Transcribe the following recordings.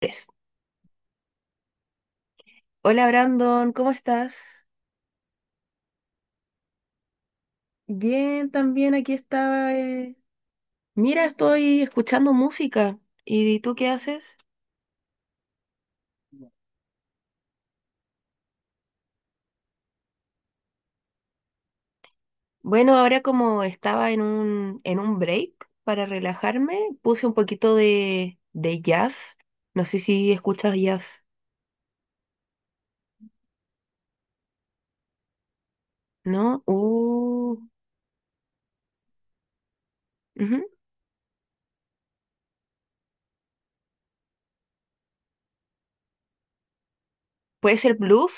Es. Hola Brandon, ¿cómo estás? Bien, también aquí estaba. Mira, estoy escuchando música. ¿Y tú qué haces? Bueno, ahora como estaba en un break para relajarme, puse un poquito de jazz. No sé si escuchas jazz, ¿no? Ujú. ¿Puede ser blues?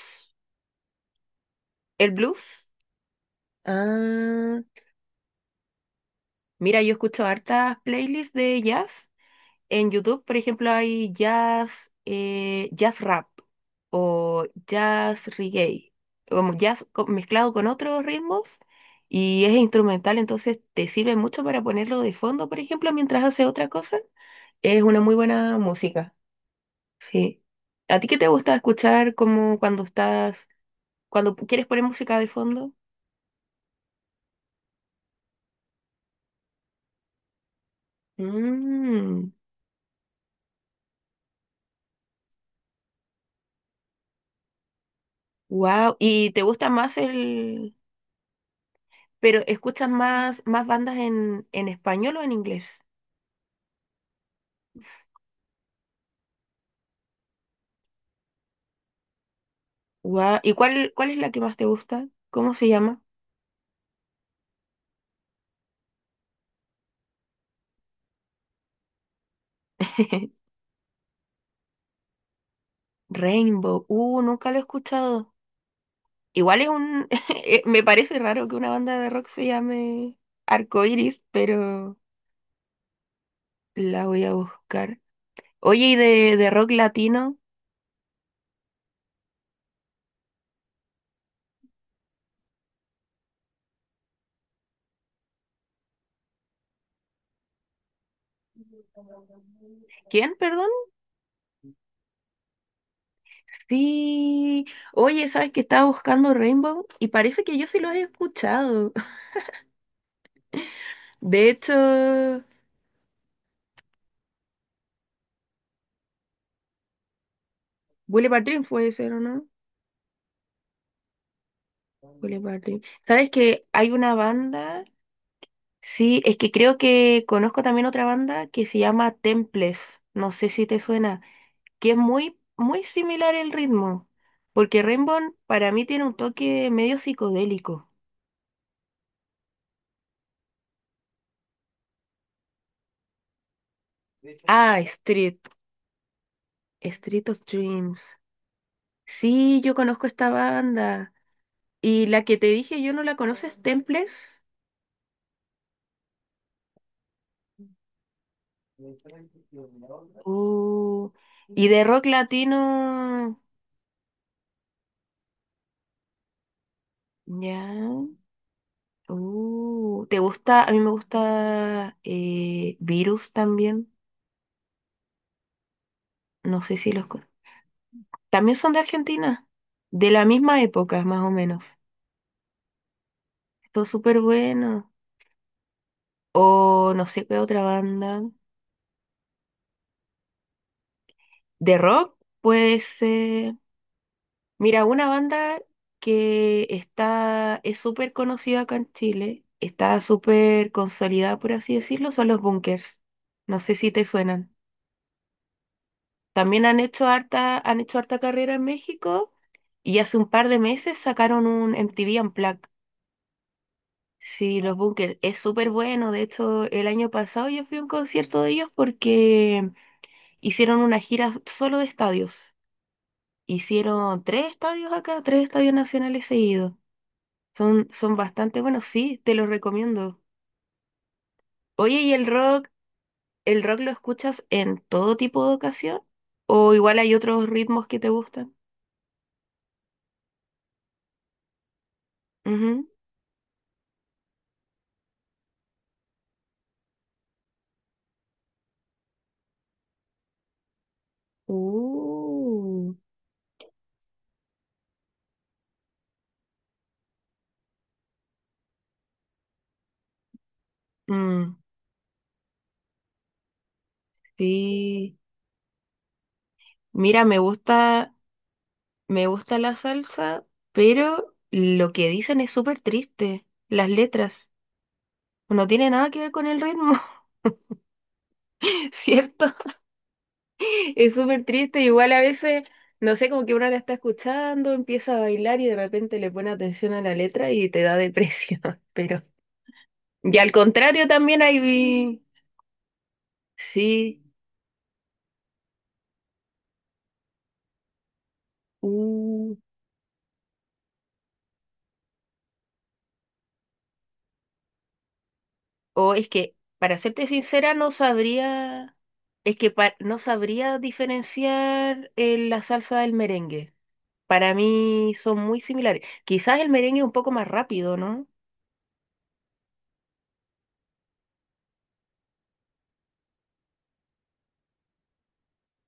¿El blues? Ah, mira, yo escucho hartas playlists de jazz. En YouTube, por ejemplo, hay jazz, jazz rap o jazz reggae, como mezclado con otros ritmos y es instrumental, entonces te sirve mucho para ponerlo de fondo, por ejemplo, mientras haces otra cosa. Es una muy buena música, sí. ¿A ti qué te gusta escuchar como cuando estás, cuando quieres poner música de fondo? Mm, wow. ¿Y te gusta más el, pero escuchas más, más bandas en español o en inglés? Guau, ¿y cuál, cuál es la que más te gusta? ¿Cómo se llama? Rainbow. Nunca lo he escuchado. Igual es un... me parece raro que una banda de rock se llame Arcoiris, pero la voy a buscar. Oye, ¿y de rock latino? ¿Quién, perdón? Sí. Oye, ¿sabes que estaba buscando Rainbow? Y parece que yo sí los he escuchado. De hecho, Bullet Park Dream puede ser, ¿o no? Bullet Park Dream. ¿Sabes que hay una banda? Sí, es que creo que conozco también otra banda que se llama Temples, no sé si te suena, que es muy, muy similar el ritmo, porque Rainbow para mí tiene un toque medio psicodélico. Ah, Street, Street of Dreams. Sí, yo conozco esta banda. Y la que te dije yo no la conoces, Temples. Uh, y de rock latino, ya. ¿Te gusta? A mí me gusta Virus también. No sé si los... con- También son de Argentina, de la misma época, más o menos. Esto es súper bueno. O no sé qué otra banda. De rock puede ser... Mira, una banda que está, es súper conocida acá en Chile, está súper consolidada, por así decirlo, son los Bunkers. No sé si te suenan. También han hecho harta carrera en México y hace un par de meses sacaron un MTV Unplugged. Sí, los Bunkers es súper bueno. De hecho, el año pasado yo fui a un concierto de ellos porque hicieron una gira solo de estadios. Hicieron tres estadios acá, tres estadios nacionales seguidos. Son, son bastante buenos, sí, te los recomiendo. Oye, ¿y el rock? ¿El rock lo escuchas en todo tipo de ocasión? ¿O igual hay otros ritmos que te gustan? Ujú. Uh, mm, sí. Mira, me gusta. Me gusta la salsa, pero lo que dicen es súper triste. Las letras no tiene nada que ver con el ritmo, ¿cierto? Es súper triste. Igual a veces, no sé, como que uno la está escuchando, empieza a bailar y de repente le pone atención a la letra y te da depresión. Pero, y al contrario también hay... Sí. uh, o es que, para serte sincera, no sabría... Es que no sabría diferenciar la salsa del merengue. Para mí son muy similares. Quizás el merengue es un poco más rápido, ¿no?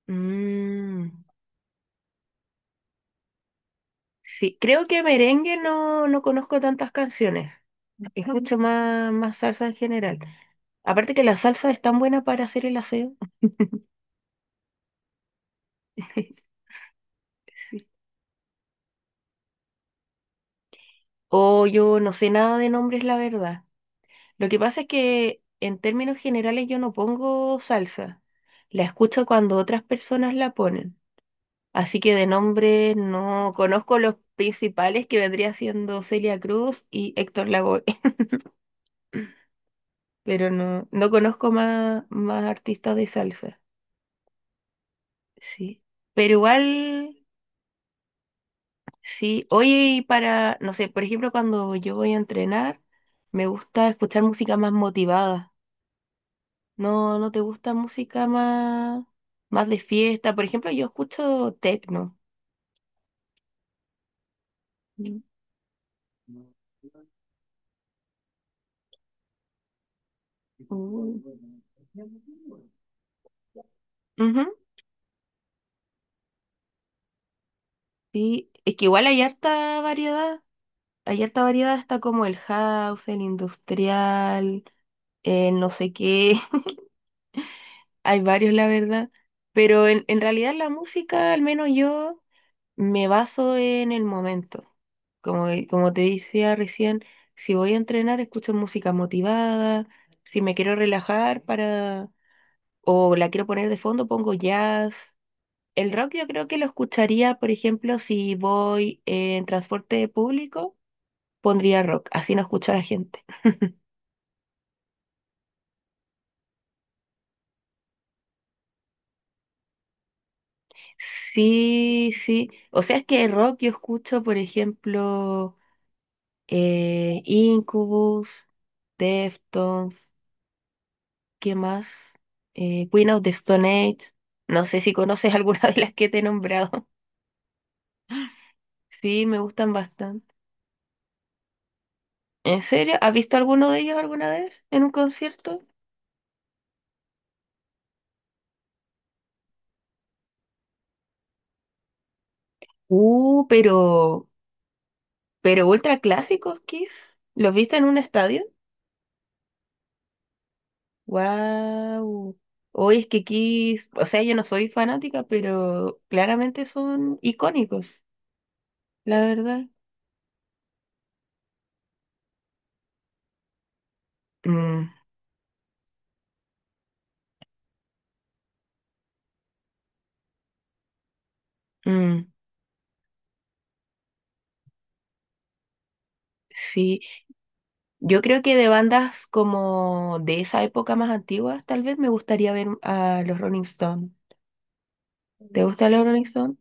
Mm, sí, creo que merengue no, no conozco tantas canciones. Escucho más, más salsa en general. Aparte que la salsa es tan buena para hacer el aseo. O yo no sé nada de nombres, la verdad. Lo que pasa es que en términos generales yo no pongo salsa. La escucho cuando otras personas la ponen. Así que de nombre no conozco los principales que vendría siendo Celia Cruz y Héctor Lavoe, pero no, no conozco más, más artistas de salsa, sí. Pero igual, sí, oye, y para, no sé, por ejemplo, cuando yo voy a entrenar, me gusta escuchar música más motivada. No, no te gusta música más, más de fiesta. Por ejemplo, yo escucho techno. Mm. Mm. Ujú. Sí, es que igual hay harta variedad. Hay alta variedad, está como el house, el industrial, el no sé qué. Hay varios, la verdad. Pero en realidad la música, al menos yo, me baso en el momento. Como, como te decía recién, si voy a entrenar, escucho música motivada. Si me quiero relajar para, o la quiero poner de fondo, pongo jazz. El rock yo creo que lo escucharía, por ejemplo, si voy en transporte público, pondría rock, así no escucho a la gente. Sí, sí. O sea, es que rock yo escucho, por ejemplo, Incubus, Deftones, ¿qué más? Queen of the Stone Age. No sé si conoces alguna de las que te he nombrado. Sí, me gustan bastante. ¿En serio? ¿Has visto alguno de ellos alguna vez en un concierto? Uh, pero, pero ultra clásicos, Kiss. ¿Los viste en un estadio? Wow. Hoy es que aquí, o sea, yo no soy fanática, pero claramente son icónicos, la verdad. Mm, mm, sí, yo creo que de bandas como de esa época más antiguas, tal vez me gustaría ver a los Rolling Stones. ¿Te gustan los Rolling Stones?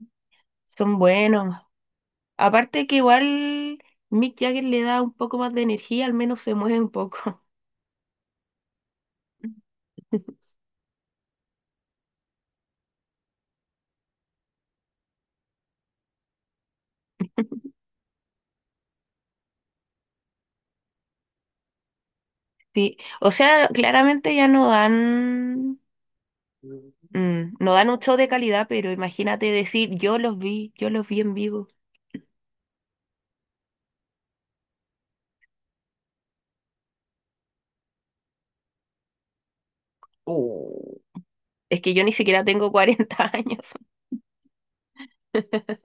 Son buenos. Aparte que igual Mick Jagger le da un poco más de energía, al menos se mueve un poco. Sí, o sea, claramente ya no dan. Mm, no dan un show de calidad, pero imagínate decir, yo los vi en vivo. Oh, es que yo ni siquiera tengo 40 años,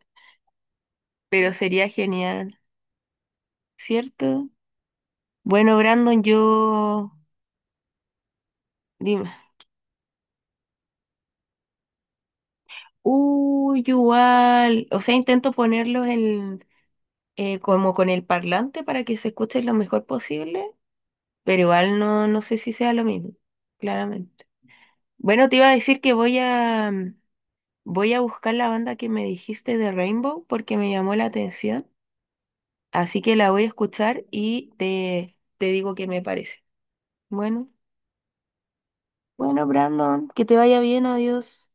pero sería genial, ¿cierto? Bueno, Brandon, yo... Dime. Uy, igual. O sea, intento ponerlos en, como con el parlante para que se escuche lo mejor posible, pero igual no, no sé si sea lo mismo, claramente. Bueno, te iba a decir que voy a... Voy a buscar la banda que me dijiste de Rainbow porque me llamó la atención, así que la voy a escuchar y te digo qué me parece. Bueno, bueno, Brandon, que te vaya bien, adiós.